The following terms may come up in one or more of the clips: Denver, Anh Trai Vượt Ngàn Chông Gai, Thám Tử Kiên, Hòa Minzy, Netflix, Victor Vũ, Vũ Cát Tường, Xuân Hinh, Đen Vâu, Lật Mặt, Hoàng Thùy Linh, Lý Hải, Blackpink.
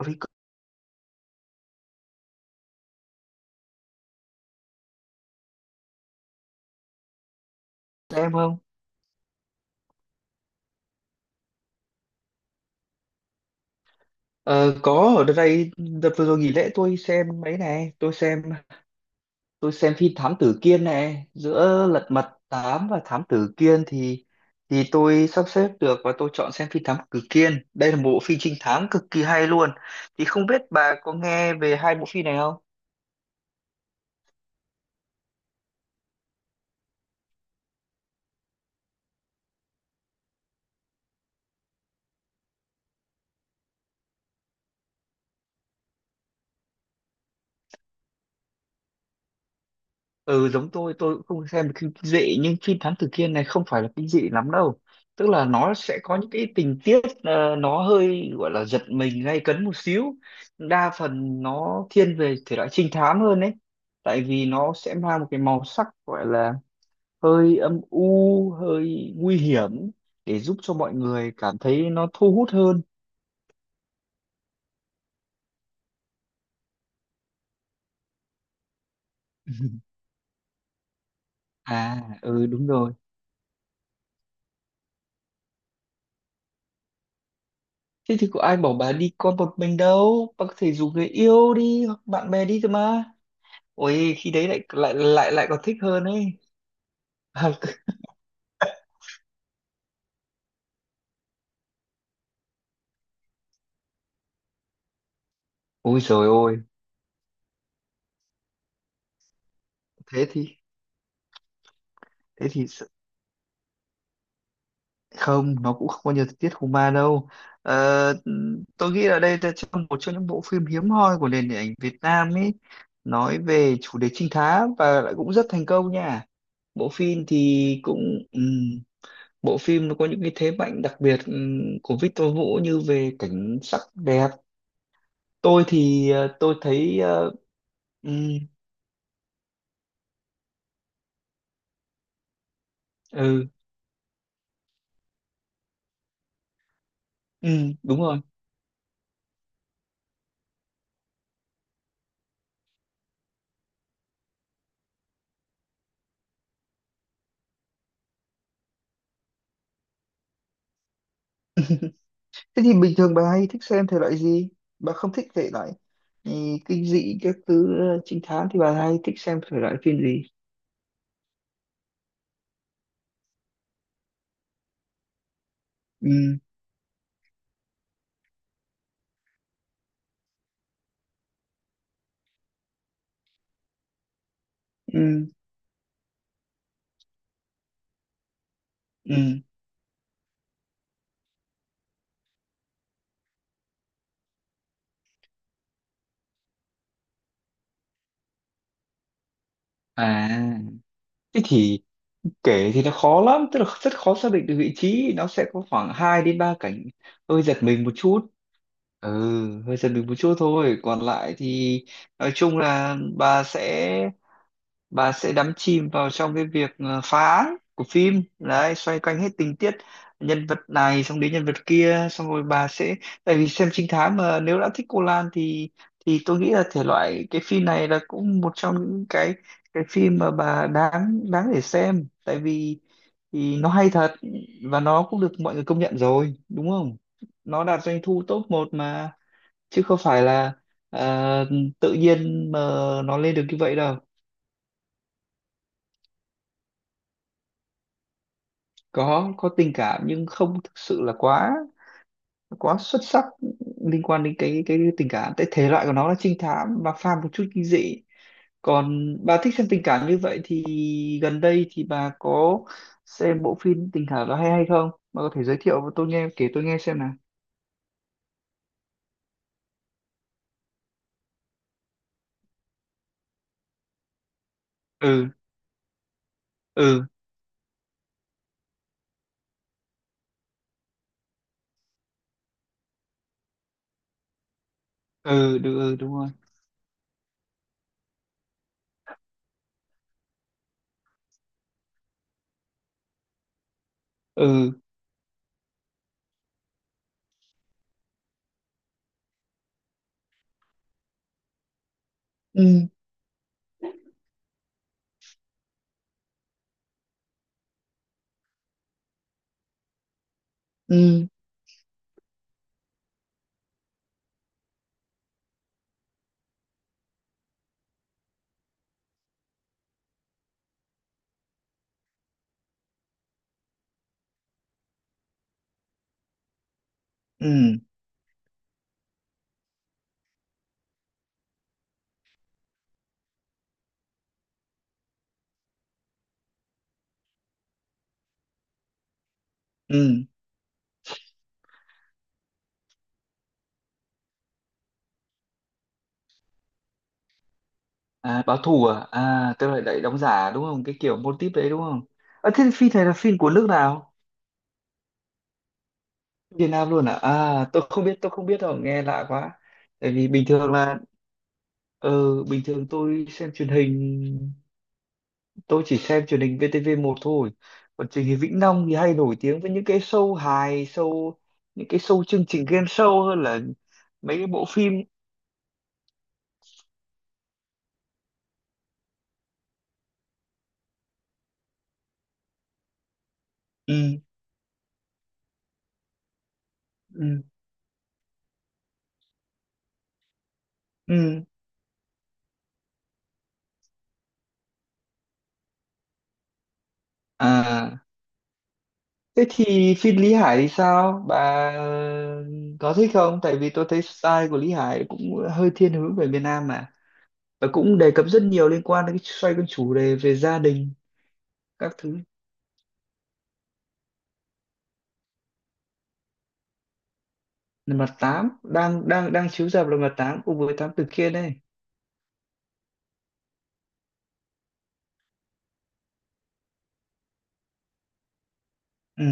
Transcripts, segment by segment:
Record xem không? Ờ, có ở đây đợt vừa rồi nghỉ lễ tôi xem mấy này, tôi xem phim Thám Tử Kiên này, giữa Lật Mặt 8 và Thám Tử Kiên thì tôi sắp xếp được và tôi chọn xem phim Thám Tử Kiên. Đây là một bộ phim trinh thám cực kỳ hay luôn. Thì không biết bà có nghe về hai bộ phim này không? Ừ, giống tôi cũng không xem được kinh dị, nhưng phim Thám Tử Kiên này không phải là kinh dị lắm đâu, tức là nó sẽ có những cái tình tiết nó hơi gọi là giật mình gay cấn một xíu, đa phần nó thiên về thể loại trinh thám hơn đấy, tại vì nó sẽ mang một cái màu sắc gọi là hơi âm u, hơi nguy hiểm để giúp cho mọi người cảm thấy nó thu hút hơn. À, ừ, đúng rồi. Thế thì có ai bảo bà đi con một mình đâu, bà có thể rủ người yêu đi hoặc bạn bè đi cơ mà, ôi khi đấy lại lại lại lại còn thích hơn ấy. À, c- ôi trời ơi. Thế thì thế thì s- không, nó cũng không có nhiều tình tiết hùng ma đâu. Ờ, tôi nghĩ là đây là trong một trong những bộ phim hiếm hoi của nền điện ảnh Việt Nam ấy, nói về chủ đề trinh thám và lại cũng rất thành công nha. Bộ phim thì cũng bộ phim nó có những cái thế mạnh đặc biệt của Victor Vũ như về cảnh sắc đẹp. Tôi thì tôi thấy ừm, ừ, ừ, đúng rồi. Thế thì bình thường bà hay thích xem thể loại gì? Bà không thích thể loại, ừ, kinh dị các thứ, trinh thám thì bà hay thích xem thể loại phim gì? Ừ, ừ, ừ. À, thế thì kể thì nó khó lắm, tức là rất khó xác định được vị trí, nó sẽ có khoảng 2 đến 3 cảnh hơi giật mình một chút. Ừ, hơi giật mình một chút thôi, còn lại thì nói chung là bà sẽ đắm chìm vào trong cái việc phá án của phim đấy, xoay quanh hết tình tiết nhân vật này xong đến nhân vật kia, xong rồi bà sẽ, tại vì xem trinh thám mà nếu đã thích cô lan thì tôi nghĩ là thể loại cái phim này là cũng một trong những cái phim mà bà đáng đáng để xem, tại vì thì nó hay thật và nó cũng được mọi người công nhận rồi, đúng không? Nó đạt doanh thu top một mà, chứ không phải là ờ, tự nhiên mà nó lên được như vậy đâu. Có tình cảm nhưng không thực sự là quá quá xuất sắc liên quan đến cái tình cảm, tại thể loại của nó là trinh thám và pha một chút kinh dị. Còn bà thích xem tình cảm như vậy thì gần đây thì bà có xem bộ phim tình cảm đó hay hay không, bà có thể giới thiệu và tôi nghe kể, tôi nghe xem nào. Ừ, ừ, ừ, đúng, ừ, đúng rồi. Ừ, ừ, ừ, ừ, ừ. À, báo thù à, à tức là lại đóng giả đúng không, cái kiểu mô típ đấy đúng không? À, thế phim này là phim của nước nào? Việt Nam luôn à? À, tôi không biết đâu, nghe lạ quá. Tại vì bình thường là, ờ, bình thường tôi xem truyền hình, tôi chỉ xem truyền hình VTV1 thôi. Còn truyền hình Vĩnh Long thì hay nổi tiếng với những cái show hài, show, những cái show chương trình game show hơn là mấy cái bộ phim. Ừ, ừ, ừ. À, thế thì phim Lý Hải thì sao? Bà có thích không? Tại vì tôi thấy style của Lý Hải cũng hơi thiên hướng về miền Nam mà, và cũng đề cập rất nhiều liên quan đến cái xoay con chủ đề về gia đình các thứ. Là mặt tám đang đang đang chiếu rạp, là mặt tám cùng với tám tử kiên đây. Ừ,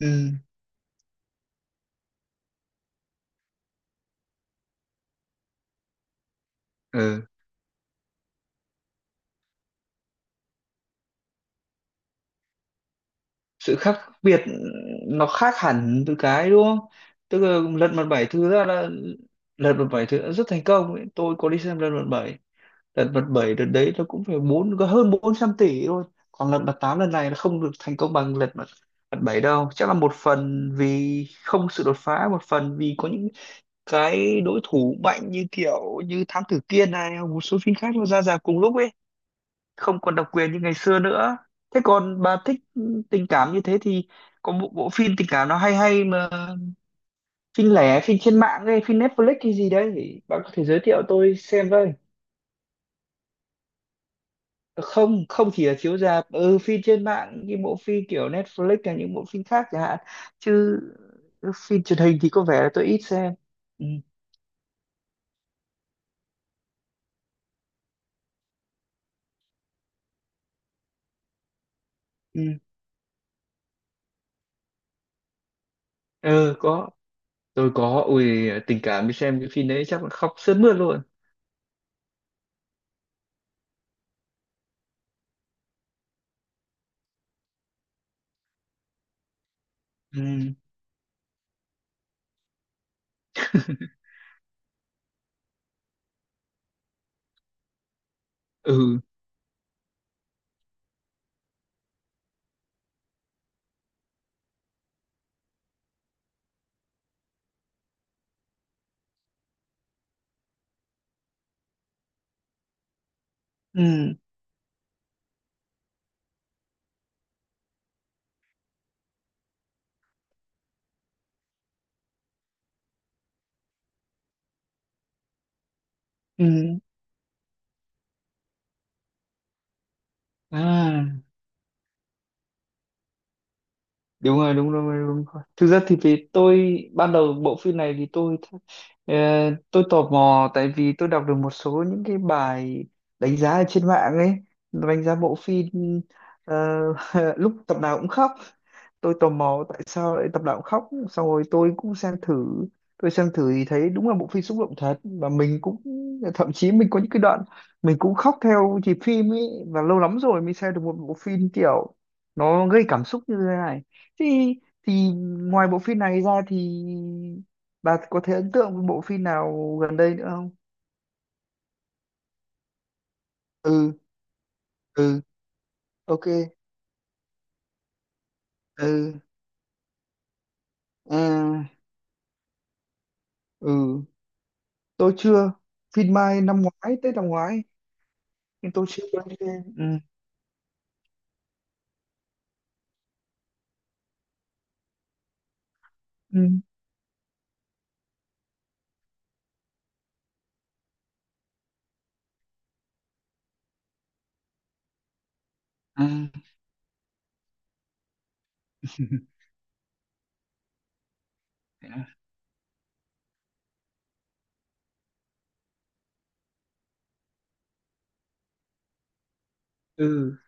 ừ, ừ, sự khác biệt, nó khác hẳn từ cái đúng không, tức là lật mặt bảy thứ ra là lật mặt bảy thứ đã rất thành công ấy. Tôi có đi xem lật mặt bảy, lật mặt bảy đợt đấy nó cũng phải bốn, có hơn 400 tỷ thôi. Còn lật mặt tám lần này nó không được thành công bằng lật mặt mặt bảy đâu, chắc là một phần vì không sự đột phá, một phần vì có những cái đối thủ mạnh như kiểu như Thám Tử Kiên này hoặc một số phim khác nó ra rạp cùng lúc ấy, không còn độc quyền như ngày xưa nữa. Thế còn bà thích tình cảm như thế thì có một bộ phim tình cảm nó hay hay mà phim lẻ, phim trên mạng hay phim Netflix hay gì đấy, bà có thể giới thiệu tôi xem với? Không, không chỉ là chiếu rạp, ừ phim trên mạng như bộ phim kiểu Netflix hay những bộ phim khác chẳng hạn. Chứ phim truyền hình thì có vẻ là tôi ít xem. Ừ, ừ, ừ, có, tôi có ui, tình cảm đi xem cái phim đấy chắc là khóc sướt mướt luôn. Ừ. Ừ, ừ, ừ, à đúng rồi, đúng rồi, đúng rồi, thực ra thì vì tôi ban đầu bộ phim này thì tôi ờ, tôi tò mò tại vì tôi đọc được một số những cái bài đánh giá ở trên mạng ấy, đánh giá bộ phim, ờ, lúc tập nào cũng khóc, tôi tò mò tại sao lại tập đạo khóc, xong rồi tôi cũng xem thử. Tôi xem thử thì thấy đúng là bộ phim xúc động thật và mình cũng thậm chí mình có những cái đoạn mình cũng khóc theo nhịp phim ấy, và lâu lắm rồi mới xem được một bộ phim kiểu nó gây cảm xúc như thế này, thì thì ngoài bộ phim này ra thì bà có thể ấn tượng với bộ phim nào gần đây nữa không? Ừ, ừ, ok, ừ. À, ừ tôi chưa, phim Mai năm ngoái, Tết năm ngoái, nhưng tôi chưa quen game. Ừ, ừ, à, thế à? Ừ,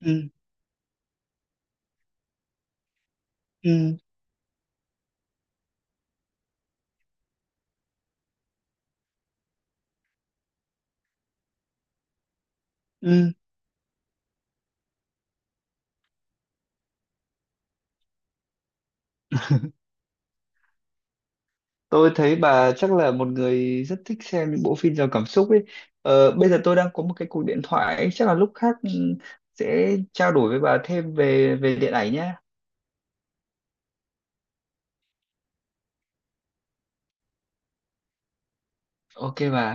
ừ, ừ, ừ tôi thấy bà chắc là một người rất thích xem những bộ phim giàu cảm xúc ấy. Ờ, bây giờ tôi đang có một cái cuộc điện thoại ấy, chắc là lúc khác, ừ, sẽ trao đổi với bà thêm về về điện ảnh nhé. Ok bà.